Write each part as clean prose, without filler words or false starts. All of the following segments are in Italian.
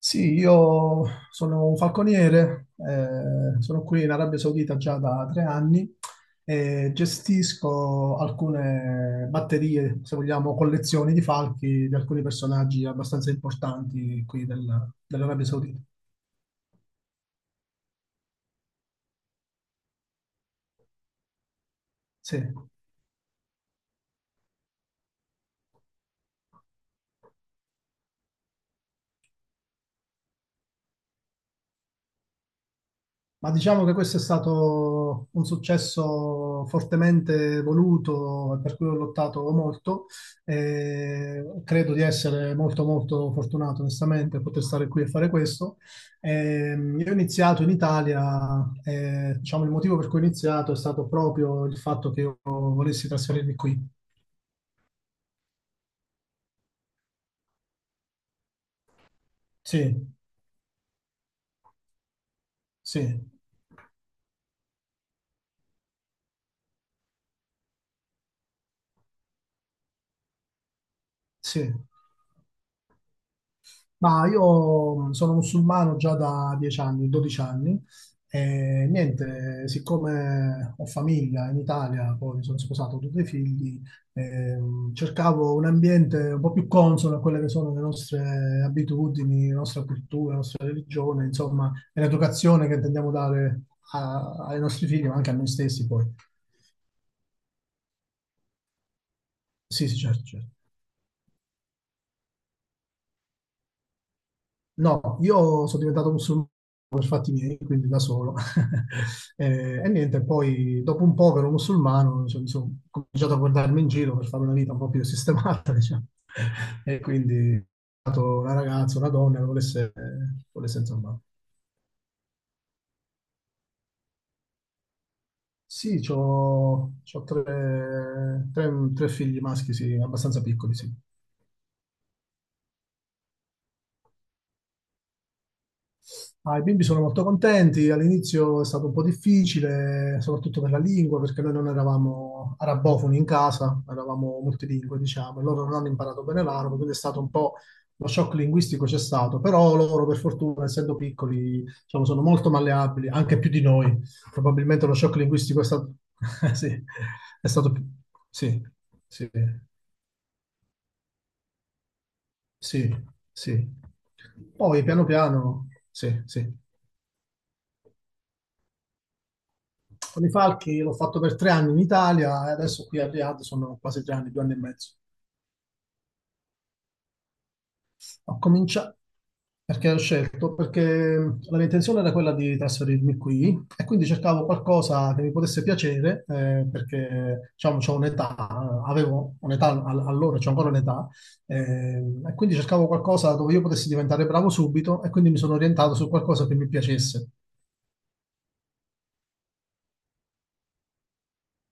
Sì, io sono un falconiere, sono qui in Arabia Saudita già da 3 anni e gestisco alcune batterie, se vogliamo, collezioni di falchi di alcuni personaggi abbastanza importanti qui dell'Arabia Saudita. Sì. Ma diciamo che questo è stato un successo fortemente voluto e per cui ho lottato molto. Credo di essere molto molto fortunato onestamente a poter stare qui e fare questo. Io ho iniziato in Italia, diciamo il motivo per cui ho iniziato è stato proprio il fatto che io volessi trasferirmi qui. Sì, sì, sì. Ma io sono musulmano già da 10 anni, 12 anni e niente, siccome ho famiglia in Italia, poi mi sono sposato, ho 2 figli, cercavo un ambiente un po' più consono a quelle che sono le nostre abitudini, la nostra cultura, la nostra religione, insomma, e l'educazione che intendiamo dare ai nostri figli, ma anche a noi stessi poi. Sì, sì, certo, certo. No, io sono diventato musulmano per fatti miei, quindi da solo. E niente, poi dopo un po' che ero musulmano, cioè, mi sono cominciato a guardarmi in giro per fare una vita un po' più sistemata, diciamo. E quindi ho trovato una ragazza, una donna che volesse, volesse insomma. Sì, ho 3 figli maschi, sì, abbastanza piccoli, sì. Ah, i bimbi sono molto contenti, all'inizio è stato un po' difficile, soprattutto per la lingua, perché noi non eravamo arabofoni in casa, eravamo multilingue, diciamo, e loro non hanno imparato bene l'arabo, quindi è stato un po', lo shock linguistico c'è stato, però loro per fortuna, essendo piccoli, diciamo, sono molto malleabili, anche più di noi. Probabilmente lo shock linguistico sì, è stato... più- Sì, sì, sì, sì. Poi piano piano, sì, sì. Con i falchi l'ho fatto per 3 anni in Italia e adesso qui a Riyadh sono quasi 3 anni, 2 anni e mezzo. Ho cominciato perché ho scelto, perché la mia intenzione era quella di trasferirmi qui e quindi cercavo qualcosa che mi potesse piacere, perché diciamo, c'ho un'età, avevo un'età allora, c'ho ancora un'età, e quindi cercavo qualcosa dove io potessi diventare bravo subito e quindi mi sono orientato su qualcosa che mi piacesse.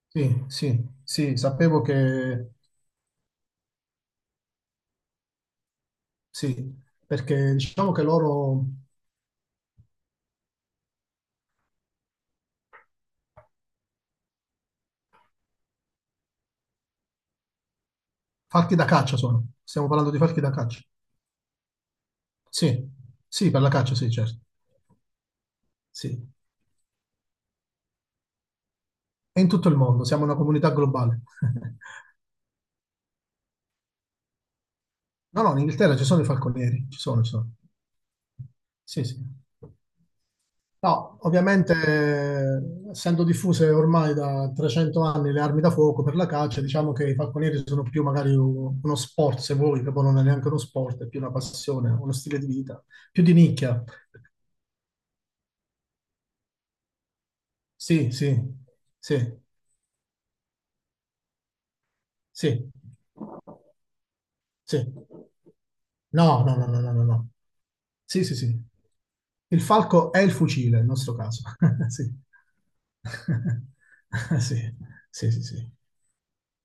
Sì, sì, sì, sapevo che sì, perché diciamo che loro. Falchi da caccia sono. Stiamo parlando di falchi da caccia. Sì, sì, per la caccia, sì, certo. Sì. E in tutto il mondo, siamo una comunità globale. No, no, in Inghilterra ci sono i falconieri, ci sono, ci sono. Sì, sì. No, ovviamente, essendo diffuse ormai da 300 anni le armi da fuoco per la caccia, diciamo che i falconieri sono più magari uno sport, se vuoi, che poi non è neanche uno sport, è più una passione, uno stile di vita, più di nicchia. Sì, sì, sì, sì. Sì. No, no, no, no, no, no, no. Sì, sì, sì. Il falco è il fucile, nel nostro caso. Sì. Sì, sì, sì, sì.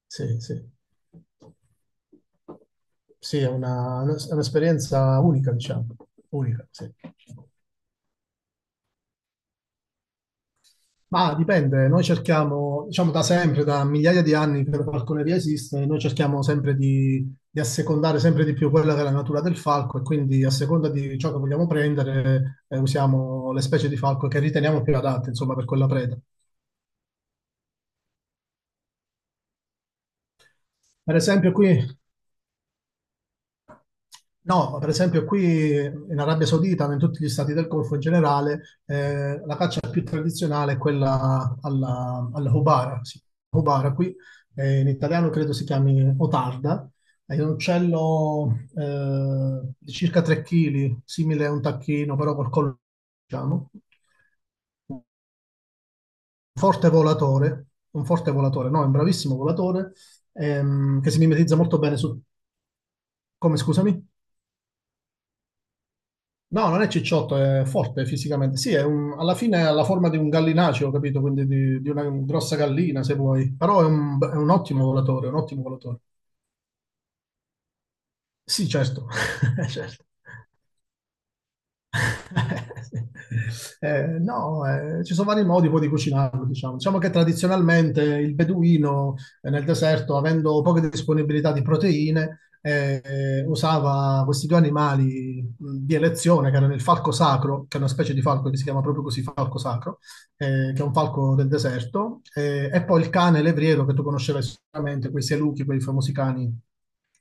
Sì, sì. Sì, è un'esperienza unica, diciamo. Unica, sì. Ma dipende, noi cerchiamo, diciamo da sempre, da migliaia di anni che la falconeria esiste, noi cerchiamo sempre di assecondare sempre di più quella che è la natura del falco e quindi a seconda di ciò che vogliamo prendere usiamo le specie di falco che riteniamo più adatte, insomma, per quella preda. Per esempio qui No, per esempio qui in Arabia Saudita, ma in tutti gli stati del Golfo in generale, la caccia più tradizionale è quella alla hubara. Sì, hubara qui, in italiano credo si chiami otarda, è un uccello di circa 3 kg, simile a un tacchino, però col collo, diciamo, forte volatore, un forte volatore, no, è un bravissimo volatore, che si mimetizza molto bene su... Come, scusami? No, non è cicciotto, è forte fisicamente. Sì, alla fine ha la forma di un gallinaceo, ho capito? Quindi di una grossa gallina, se vuoi. Però è un ottimo volatore, un ottimo volatore. Sì, certo. Certo. No, ci sono vari modi poi di cucinarlo, diciamo. Diciamo che tradizionalmente il beduino nel deserto, avendo poche disponibilità di proteine, usava questi 2 animali di elezione, che erano il falco sacro, che è una specie di falco che si chiama proprio così, falco sacro, che è un falco del deserto, e poi il cane levriero, che tu conoscerai sicuramente, quei seluchi, quei famosi cani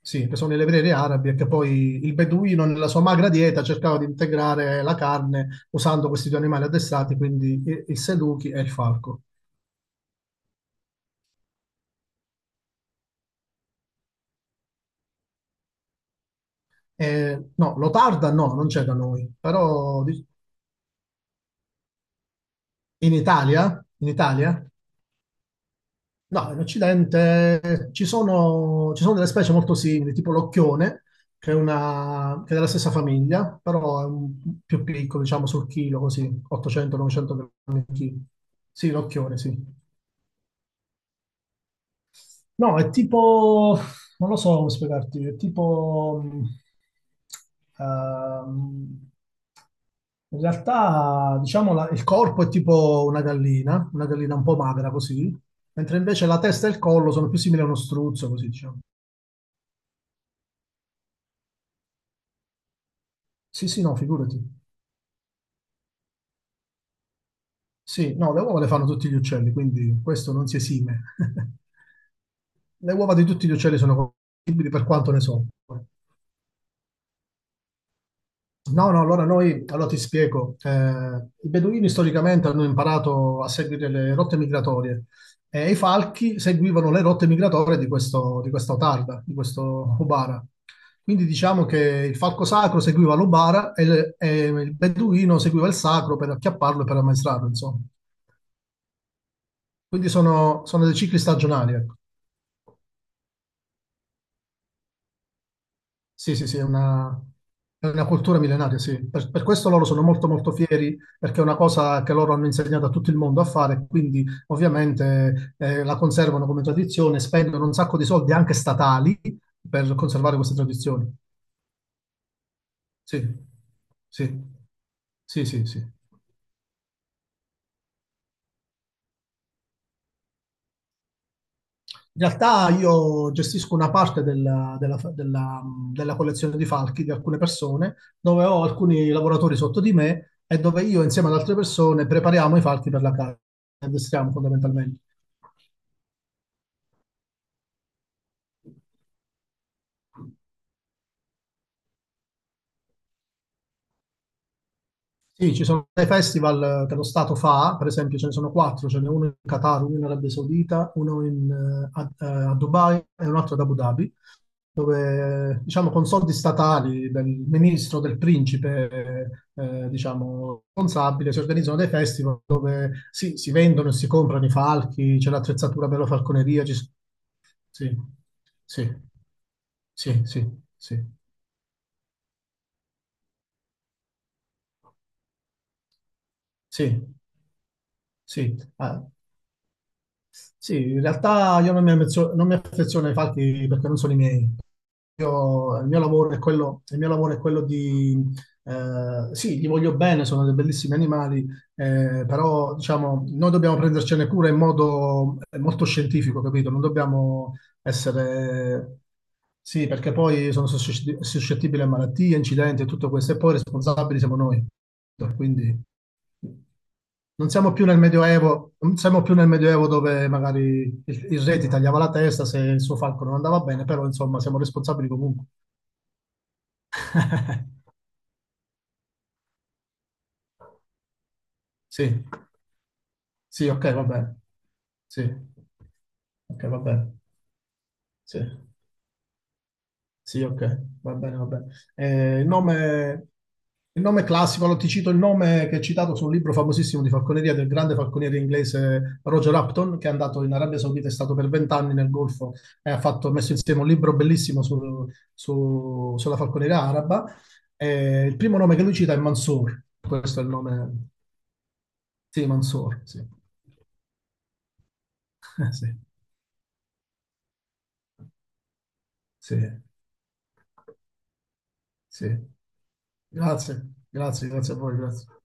sì, che sono le vere arabe, che poi il beduino nella sua magra dieta cercava di integrare la carne usando questi 2 animali addestrati, quindi il seduchi e il falco. No, l'otarda no, non c'è da noi, in Italia, no, in Occidente ci sono delle specie molto simili, tipo l'occhione, che è, una, che è della stessa famiglia, però è più piccolo, diciamo sul chilo, così, 800-900 grammi al chilo. Sì, l'occhione, sì. No, è tipo, non lo so come spiegarti, è tipo, ehm, in realtà, diciamo, il corpo è tipo una gallina un po' magra così, mentre invece la testa e il collo sono più simili a uno struzzo, così diciamo. Sì, sì, no, figurati. Sì, no, le uova le fanno tutti gli uccelli, quindi questo non si esime. Le uova di tutti gli uccelli sono compatibili per quanto ne so. No, no, allora noi, allora ti spiego. I beduini storicamente hanno imparato a seguire le rotte migratorie e i falchi seguivano le rotte migratorie di questo, di questa otarda, di questo Ubara. Quindi diciamo che il falco sacro seguiva l'Ubara e il beduino seguiva il sacro per acchiapparlo e per ammaestrarlo, insomma. Quindi sono, sono dei cicli stagionali, ecco. Sì, sì, sì, è una cultura millenaria, sì. Per questo loro sono molto molto fieri, perché è una cosa che loro hanno insegnato a tutto il mondo a fare, quindi ovviamente la conservano come tradizione, spendono un sacco di soldi anche statali per conservare queste tradizioni. Sì, sì, sì, sì, sì. In realtà io gestisco una parte della collezione di falchi di alcune persone, dove ho alcuni lavoratori sotto di me e dove io insieme ad altre persone prepariamo i falchi per la caccia, li addestriamo fondamentalmente. Sì, ci sono dei festival che lo Stato fa, per esempio ce ne sono quattro, ce n'è uno in Qatar, uno in Arabia Saudita, a Dubai e un altro ad Abu Dhabi, dove diciamo con soldi statali del ministro, del principe, diciamo, responsabile, si organizzano dei festival dove sì, si vendono e si comprano i falchi, c'è l'attrezzatura per la falconeria, sì, sì, sì, sì, sì, sì, sì, sì, ah. Sì, in realtà io non non mi affeziono ai falchi perché non sono i miei. Il mio lavoro è quello di... sì, gli voglio bene, sono dei bellissimi animali, però diciamo, noi dobbiamo prendercene cura in modo molto scientifico, capito? Non dobbiamo essere... Sì, perché poi sono suscettibili a malattie, incidenti e tutto questo, e poi responsabili siamo noi. Quindi... Non siamo più nel Medioevo, non siamo più nel Medioevo dove magari il re ti tagliava la testa se il suo falco non andava bene, però insomma siamo responsabili comunque. Sì, sì, ok, va bene. Sì, ok, va bene. Sì. Sì, ok, va bene, va bene. Eh, il nome, il nome classico, allora ti cito il nome che è citato su un libro famosissimo di falconeria del grande falconiere inglese Roger Upton, che è andato in Arabia Saudita, è stato per 20 anni nel Golfo e ha fatto, ha messo insieme un libro bellissimo sulla falconeria araba. Il primo nome che lui cita è Mansour, questo è il nome, sì, Mansour, sì. Sì, sì, sì. Grazie, grazie, grazie a voi, grazie.